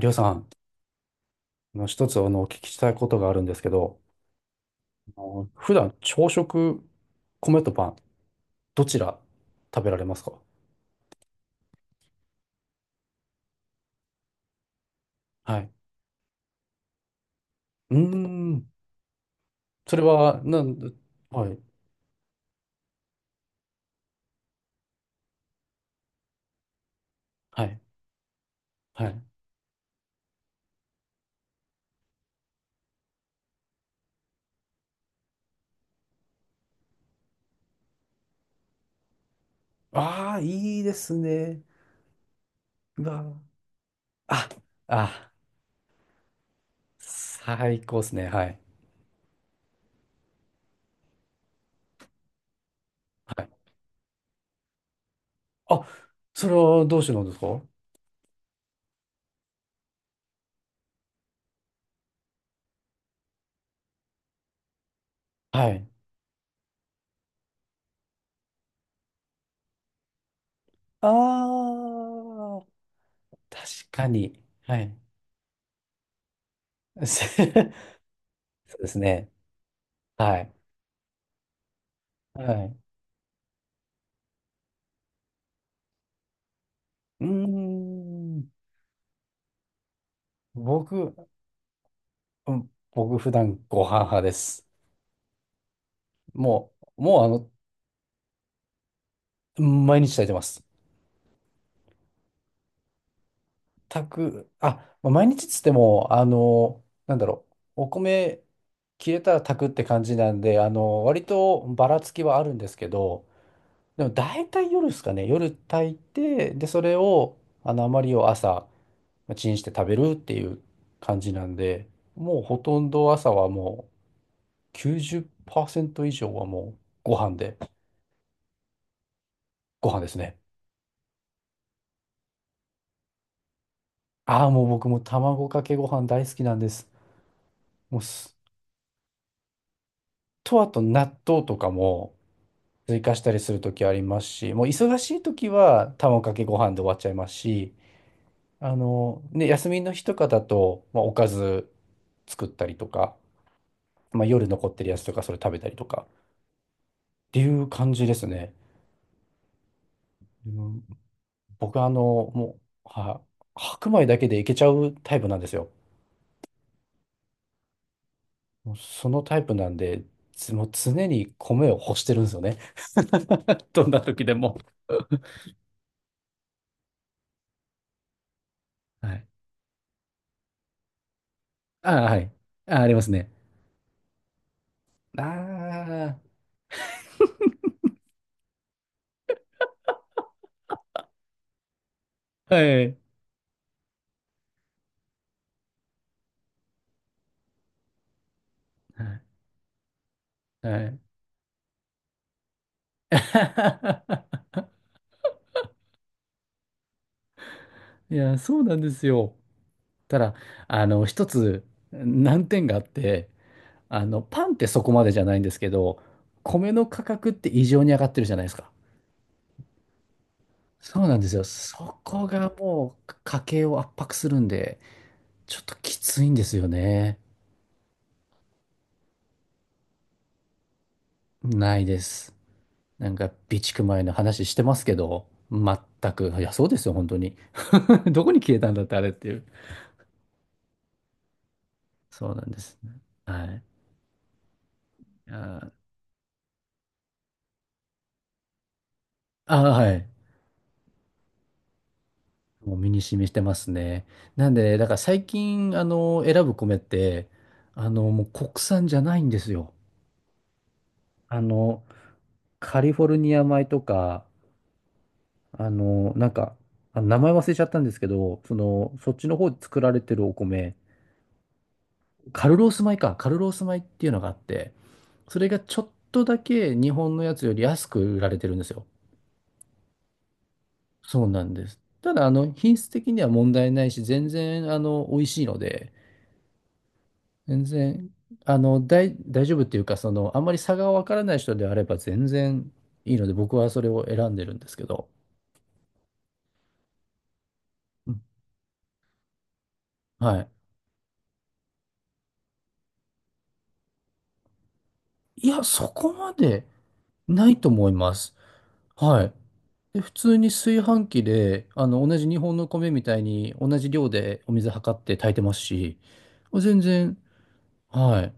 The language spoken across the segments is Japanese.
りょうさん、あの一つお聞きしたいことがあるんですけど、あの普段朝食、米とパン、どちら食べられますか？はい。うーん、それは、はい、はい、はい。ああ、いいですね。うわあ、あ、最高ですね。はい、はい。あ、それはどうしてなんですか？はい。ああ、確かに。はい。そうですね。はい。はい。うーん、僕、うん、僕普段ご飯派です。もう、もうあの、毎日炊いてます。炊く、あ、まあ毎日っつっても、あの、なんだろう、お米切れたら炊くって感じなんで、あの、割とばらつきはあるんですけど、でも大体夜ですかね、夜炊いて、で、それを、あの、余りを朝、まあチンして食べるっていう感じなんで、もうほとんど朝はもう90%以上はもうご飯で、ご飯ですね。ああ、もう僕も卵かけご飯大好きなんです。もうす、と、あと納豆とかも追加したりするときありますし、もう忙しいときは卵かけご飯で終わっちゃいますし、あの、ね、休みの日とかだと、まあ、おかず作ったりとか、まあ、夜残ってるやつとかそれ食べたりとかっていう感じですね。うん、僕はあの、もう、は、白米だけでいけちゃうタイプなんですよ。もうそのタイプなんで、もう常に米を干してるんですよね。どんな時でも。はい。ああ、はい。ああ、ありますね。ああ、はい。はい。はい。 いや、そうなんですよ。ただ、あの、一つ難点があって、あの、パンってそこまでじゃないんですけど、米の価格って異常に上がってるじゃないですか。そうなんですよ。そこがもう家計を圧迫するんで、ちょっときついんですよね。ないです。なんか、備蓄米の話してますけど、全く。いや、そうですよ、本当に。どこに消えたんだって、あれっていう。そうなんですね。はい。ああ、はい。もう身に染みしてますね。なんで、だから最近、あの、選ぶ米って、あの、もう国産じゃないんですよ。あの、カリフォルニア米とか、あの、なんか、あ、名前忘れちゃったんですけど、その、そっちの方で作られてるお米、カルロース米か、カルロース米っていうのがあって、それがちょっとだけ日本のやつより安く売られてるんですよ。そうなんです。ただ、あの、品質的には問題ないし、全然、あの、美味しいので、全然、あの、大、大丈夫っていうか、その、あんまり差がわからない人であれば全然いいので、僕はそれを選んでるんですけど。うん、はい。いや、そこまでないと思います。はい。で、普通に炊飯器で、あの、同じ日本の米みたいに同じ量でお水測って炊いてますし、全然、はい。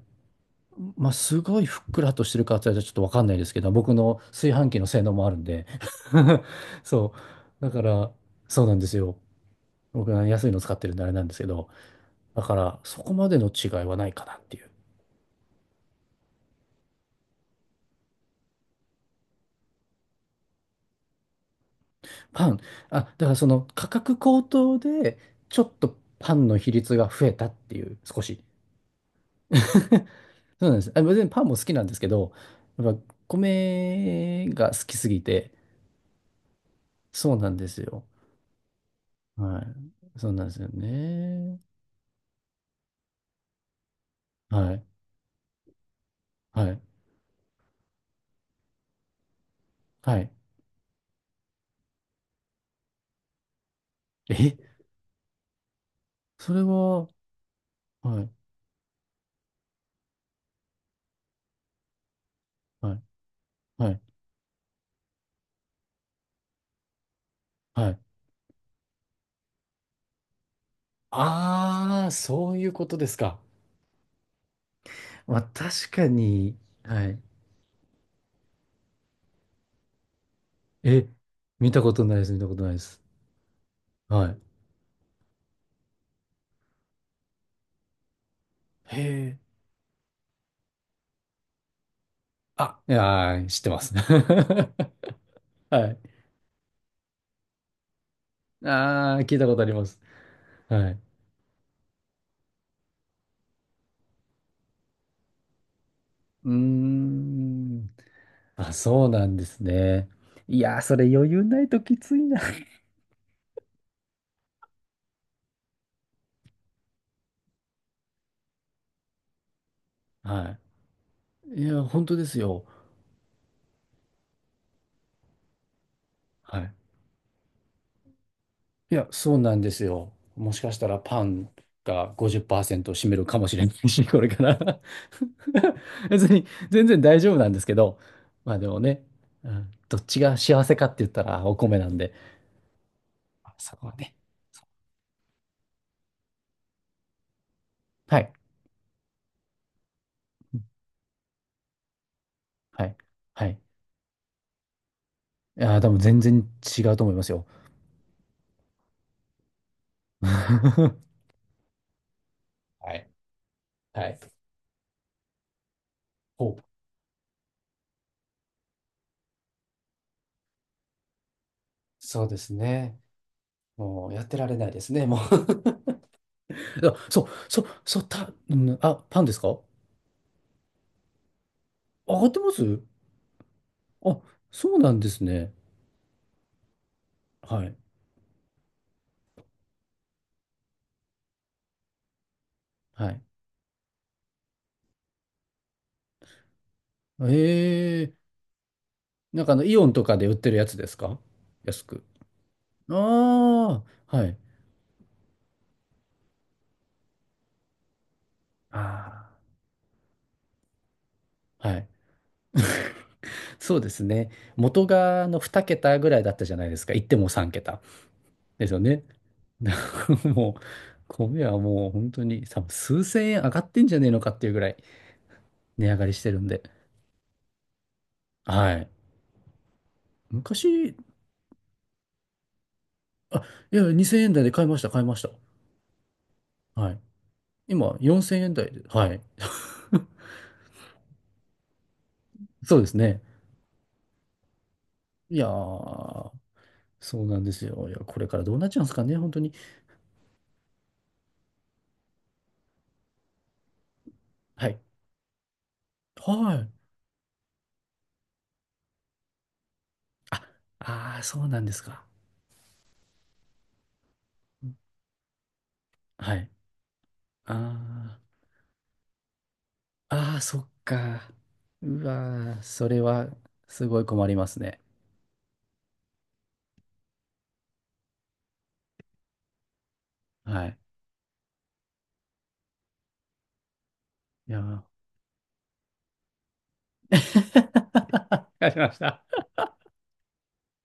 まあ、すごいふっくらとしてるかって言われたらちょっとわかんないですけど、僕の炊飯器の性能もあるんで。そう。だから、そうなんですよ。僕は安いの使ってるんであれなんですけど、だから、そこまでの違いはないかなっていう。パン、あ、だからその価格高騰で、ちょっとパンの比率が増えたっていう、少し。そうなんです。あ、別にパンも好きなんですけど、やっぱ米が好きすぎて、そうなんですよ。はい。そうなんですよね。はい。はい。はい。え、それは、はい。はい。はい。はい。ああ、そういうことですか。まあ、確かに、はい。え、見たことないです。見たことないです。はい。へえ。あ、いやー、知ってます。はい。ああ、聞いたことあります。はい。うーん。あ、そうなんですね。いやー、それ余裕ないときついな。はい。いや、本当ですよ。はい。いや、そうなんですよ。もしかしたらパンが50%を占めるかもしれないし、これから 別に、全然大丈夫なんですけど、まあでもね、うん、どっちが幸せかって言ったらお米なんで、あそこはね。はい。はい。はい。いやー、多分全然違うと思いますよ。はい。はい。ほう。そうですね。もうやってられないですね、もう。あ、そう、そう、そう、た、うん、あ、パンですか？あ、上がってます？あ、そうなんですね。はい。はい。ええ。なんかあの、イオンとかで売ってるやつですか？安く。ああ、はい。ああ、はい。そうですね。元があの2桁ぐらいだったじゃないですか。言っても3桁。ですよね。だからもう、米はもう本当に多分数千円上がってんじゃねえのかっていうぐらい。値上がりしてるんで。はい。昔、あ、いや、2000円台で買いました、買いました。はい。今、4000円台で、はい。そうですね。いやー、そうなんですよ。いや、これからどうなっちゃうんですかね、本当に。はい。はい。あ、あー、そうなんですか。はい。あー、あー、そっか。うわー、それは、すごい困りますね。はい。いやー。わかりました。